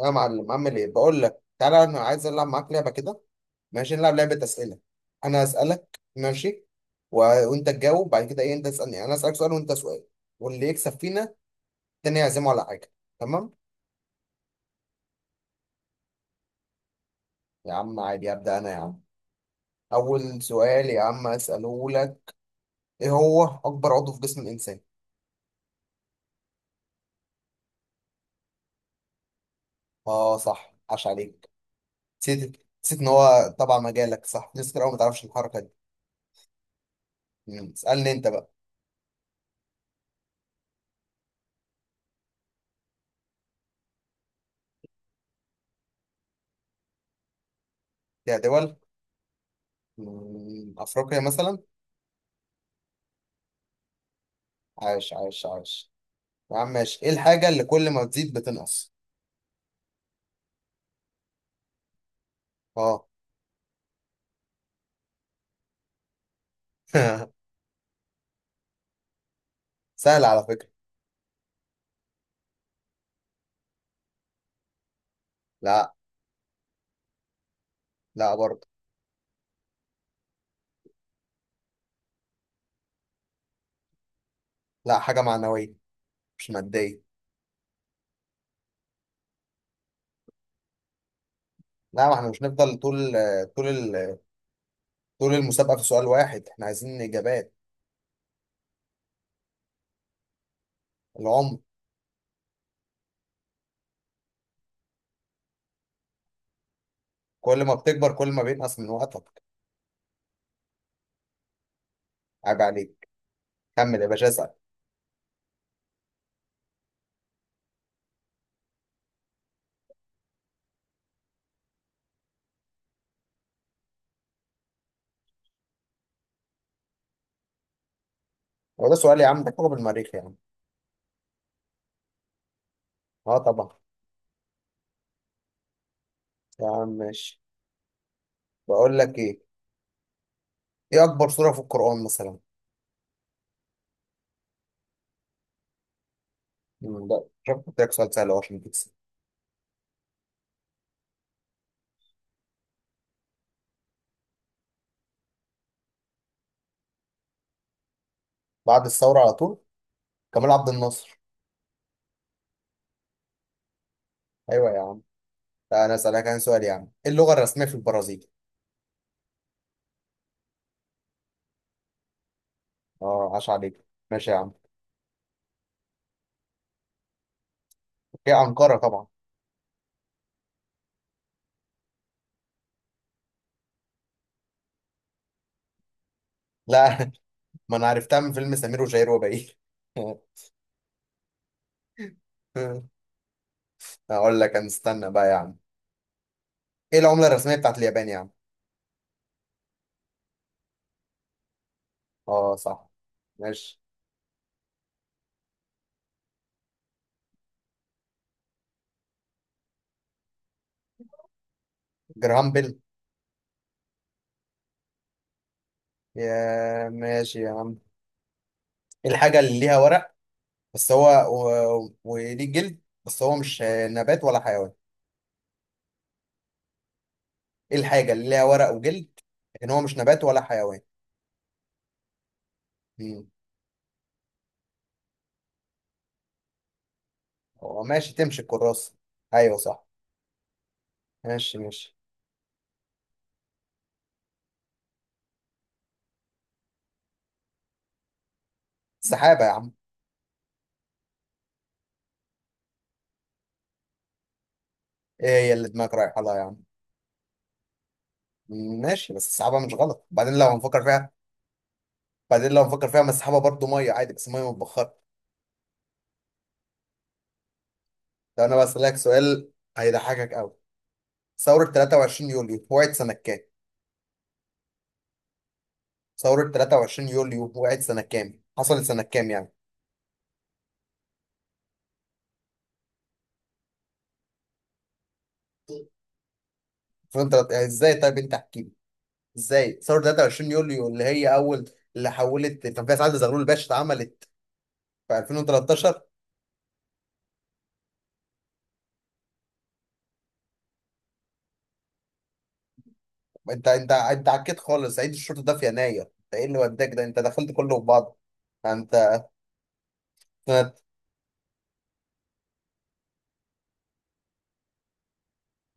يا معلم اعمل ايه؟ بقول لك تعالى، انا عايز العب معاك لعبه كده. ماشي، نلعب لعبه اسئله. انا اسالك ماشي، و... وانت تجاوب، بعد كده ايه؟ انت تسالني، انا اسالك سؤال وانت سؤال، واللي يكسب فينا التاني يعزمه على حاجه. تمام. يا عم عادي، ابدا انا يا عم. اول سؤال يا عم اساله لك: ايه هو اكبر عضو في جسم الانسان؟ اه صح، عاش عليك. نسيت ان هو طبعا مجالك، صح، ناس كتير قوي ما تعرفش الحركه دي. مم. اسالني انت بقى. يا دول؟ مم، افريقيا مثلا. عاش عاش عاش. يا عم ماشي، ايه الحاجة اللي كل ما تزيد بتنقص؟ اه. سهل على فكرة. لا. لا برضه. لا، حاجة معنوية مش مادية. لا، ما احنا مش نفضل طول طول ال- طول المسابقة في سؤال واحد، احنا عايزين اجابات. العمر. كل ما بتكبر كل ما بينقص من وقتك. عيب عليك. كمل يا باشا، اسأل. هو ده سؤال يا عم؟ ده كوكب المريخ يا عم. اه طبعا. يا عم ماشي، بقول لك ايه، ايه اكبر سورة في القرآن مثلا؟ مم، لا، شوف، قلت لك سؤال سهل أهو عشان تكسب. بعد الثورة على طول. كمال عبد الناصر. ايوه يا عم. لا انا اسالك عن سؤال يا عم: ايه اللغه الرسميه في البرازيل؟ اه، عاش عليك. ماشي يا عم. هي انقره طبعا. لا. ما انا عرفتها من فيلم سمير وشهير وبهير. اقول لك انا، استنى بقى يا عم، ايه العمله الرسميه بتاعت اليابان يا عم؟ اه صح. ماشي. جرام بيل. يا ماشي يا عم، إيه الحاجه اللي ليها ورق بس هو و... وليه جلد بس هو مش نبات ولا حيوان؟ ايه الحاجه اللي ليها ورق وجلد لكن هو مش نبات ولا حيوان؟ مم. هو ماشي، تمشي الكراسه. ايوه صح. ماشي ماشي. السحابة يا عم. ايه هي اللي دماغك رايحة لها يا عم؟ ماشي، بس السحابة مش غلط. بعدين لو هنفكر فيها، بعدين لو هنفكر فيها ما السحابة برضه مية عادي بس مية متبخرة. لو انا بسألك سؤال هيضحكك قوي: ثورة 23 يوليو وقعت سنة كام؟ ثورة 23 يوليو وقعت سنة كام؟ حصلت سنة كام يعني؟ فانت ازاي طيب، انت احكي لي، ازاي ثورة 23 يوليو اللي هي اول، اللي حولت، كان فيها سعد زغلول الباشا، اتعملت في 2013؟ انت عكيت خالص، عيد الشرطه ده في يناير، انت ايه اللي وداك ده؟ انت دخلت كله في بعض. انت فت-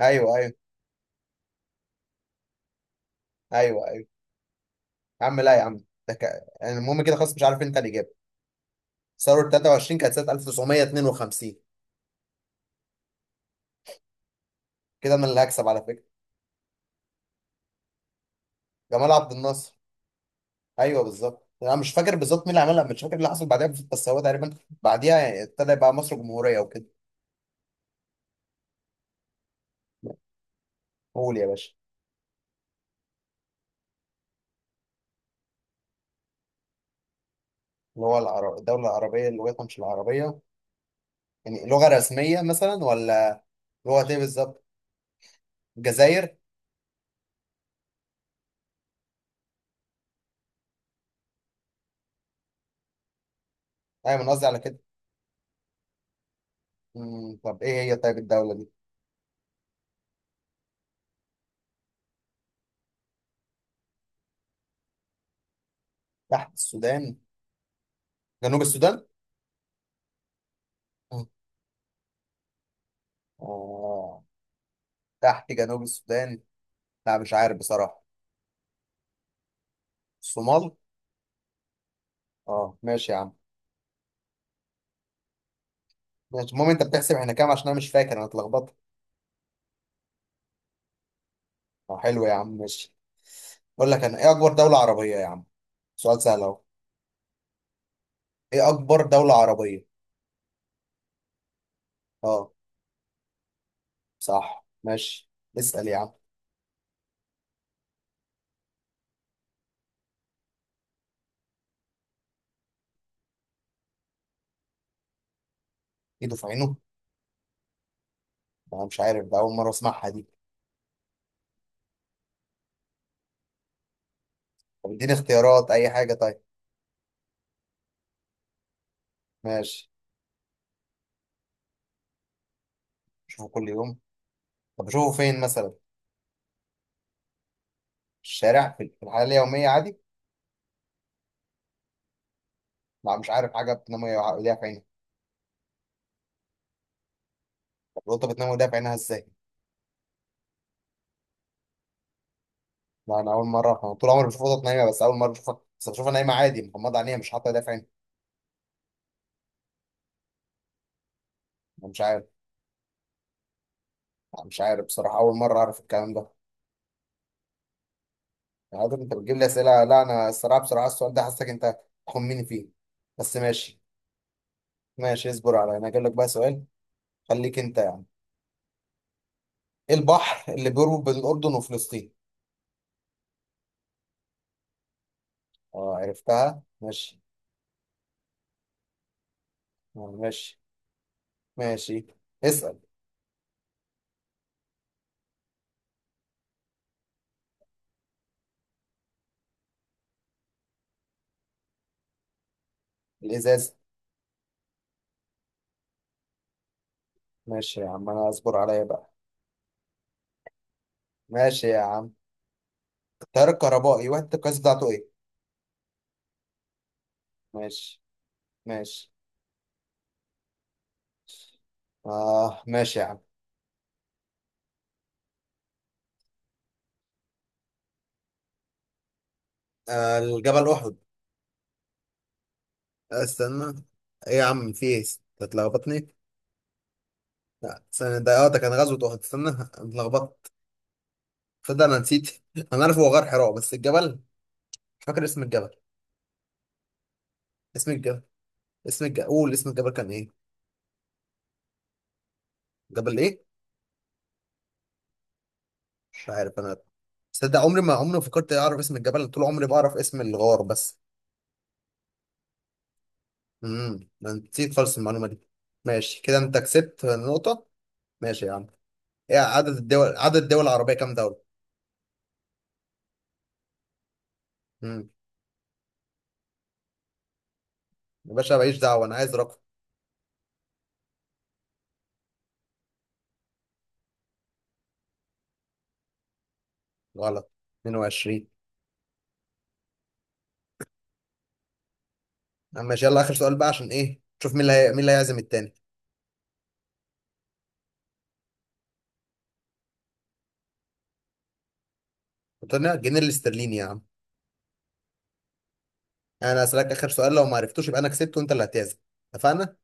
ايوه ايوه. ايوه ايوه يا عم. لا يا عم، يعني المهم كده، خلاص مش عارف انت اللي جاب. ثوره 23 كانت سنه 1952. كده انا اللي هكسب على فكره. جمال عبد الناصر. ايوه بالظبط، انا مش فاكر بالظبط مين اللي عملها، مش فاكر اللي حصل بعدها، بس هو تقريبا بعديها يعني ابتدى يبقى مصر جمهوريه وكده. قول يا باشا. اللي هو الدوله العربيه اللي هي مش العربيه؟ يعني لغه رسميه مثلا ولا؟ لغه ايه بالظبط؟ الجزائر. ايوه انا قصدي على كده. مم، طب ايه هي طيب الدولة دي؟ تحت السودان؟ جنوب السودان. مم. اه، تحت جنوب السودان. لا مش عارف بصراحة. الصومال. اه ماشي يا عم. ماشي، المهم انت بتحسب احنا كام؟ عشان انا مش فاكر، انا اتلخبطت. اه حلو يا عم، ماشي. اقول لك انا، ايه اكبر دولة عربية يا عم؟ سؤال سهل اهو. ايه اكبر دولة عربية؟ اه صح، ماشي. اسأل يا عم. ايده في عينه؟ انا مش عارف، ده اول مرة اسمعها دي. طب اديني اختيارات اي حاجة طيب. ماشي. شوفه كل يوم؟ طب اشوفه فين مثلا؟ الشارع، في الحياه اليوميه عادي. لا مش عارف حاجه بتنام ايديها في عينها. طب القطه بتنام وإيديها في عينها ازاي؟ لا انا اول مره، أنا طول عمري بشوف قطط نايمه، بس اول مره بشوفها، بس بشوفها نايمه عادي مغمضه عينيها، مش حاطه ايديها في عينها. أنا مش عارف. أنا مش عارف بصراحه، اول مره اعرف الكلام ده. يعني عادة انت بتجيب لي اسئله، لا انا الصراحه بصراحه السؤال ده حاسسك انت تخمني فيه، بس ماشي. ماشي، اصبر على، انا هجيب لك بقى سؤال، خليك انت يعني. ايه البحر اللي بيربط بين الاردن وفلسطين؟ اه عرفتها، ماشي. آه، ماشي. ماشي. اسال. الازاز. ماشي يا عم، انا اصبر عليا بقى. ماشي يا عم، التيار الكهربائي وحدة القياس بتاعته ايه؟ ماشي. ماشي. اه ماشي يا عم. آه، الجبل احد. آه، استنى. ايه يا عم، في ايه؟ أنت اتلخبطني. لا استنى، ده اه ده كان غزوة احد. استنى، أنا اتلخبطت، تصدق انا نسيت. انا عارف هو غار حراء بس الجبل مش فاكر اسم الجبل. اسم الجبل اسم الجبل قول، اسم الجبل كان ايه؟ جبل ايه؟ مش عارف انا. تصدق، عمري ما فكرت اعرف اسم الجبل، طول عمري بعرف اسم الغار بس. امم، ده أنت نسيت خالص المعلومه دي. ماشي، كده انت كسبت نقطه. ماشي يا عم. ايه عدد الدول، عدد الدول العربيه كام دوله؟ امم. يا باشا ماليش دعوه، انا عايز رقم. غلط. 22. أما ماشي، يلا اخر سؤال بقى عشان ايه، شوف مين مين اللي هيعزم التاني. قلت لنا الجنيه الاسترليني يا عم. انا اسالك اخر سؤال، لو ما عرفتوش يبقى انا كسبت وانت اللي هتعزم، اتفقنا؟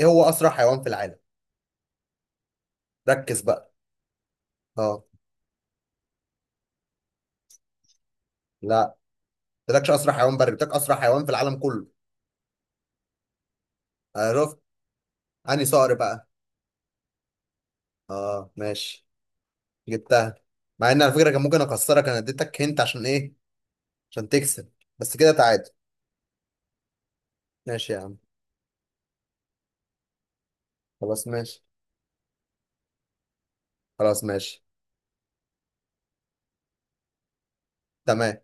ايه هو اسرع حيوان في العالم؟ ركز بقى. اه لا، ما قلتلكش اسرع حيوان بري، قلتلك اسرع حيوان في العالم كله. عرفت. انهي صقر بقى؟ اه ماشي. جبتها، مع ان على فكره كان ممكن اكسرك، انا اديتك هنت عشان ايه؟ عشان تكسب. بس كده تعادل. ماشي يا عم. خلاص ماشي. خلاص ماشي. تمام.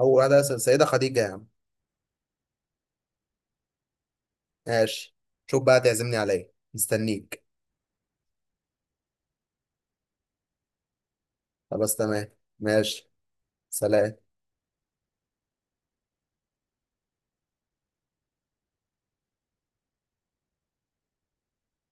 اول واحده سيده خديجه يا عم. ماشي. شوف بقى تعزمني على ايه، مستنيك. خلاص تمام. ماشي. سلام.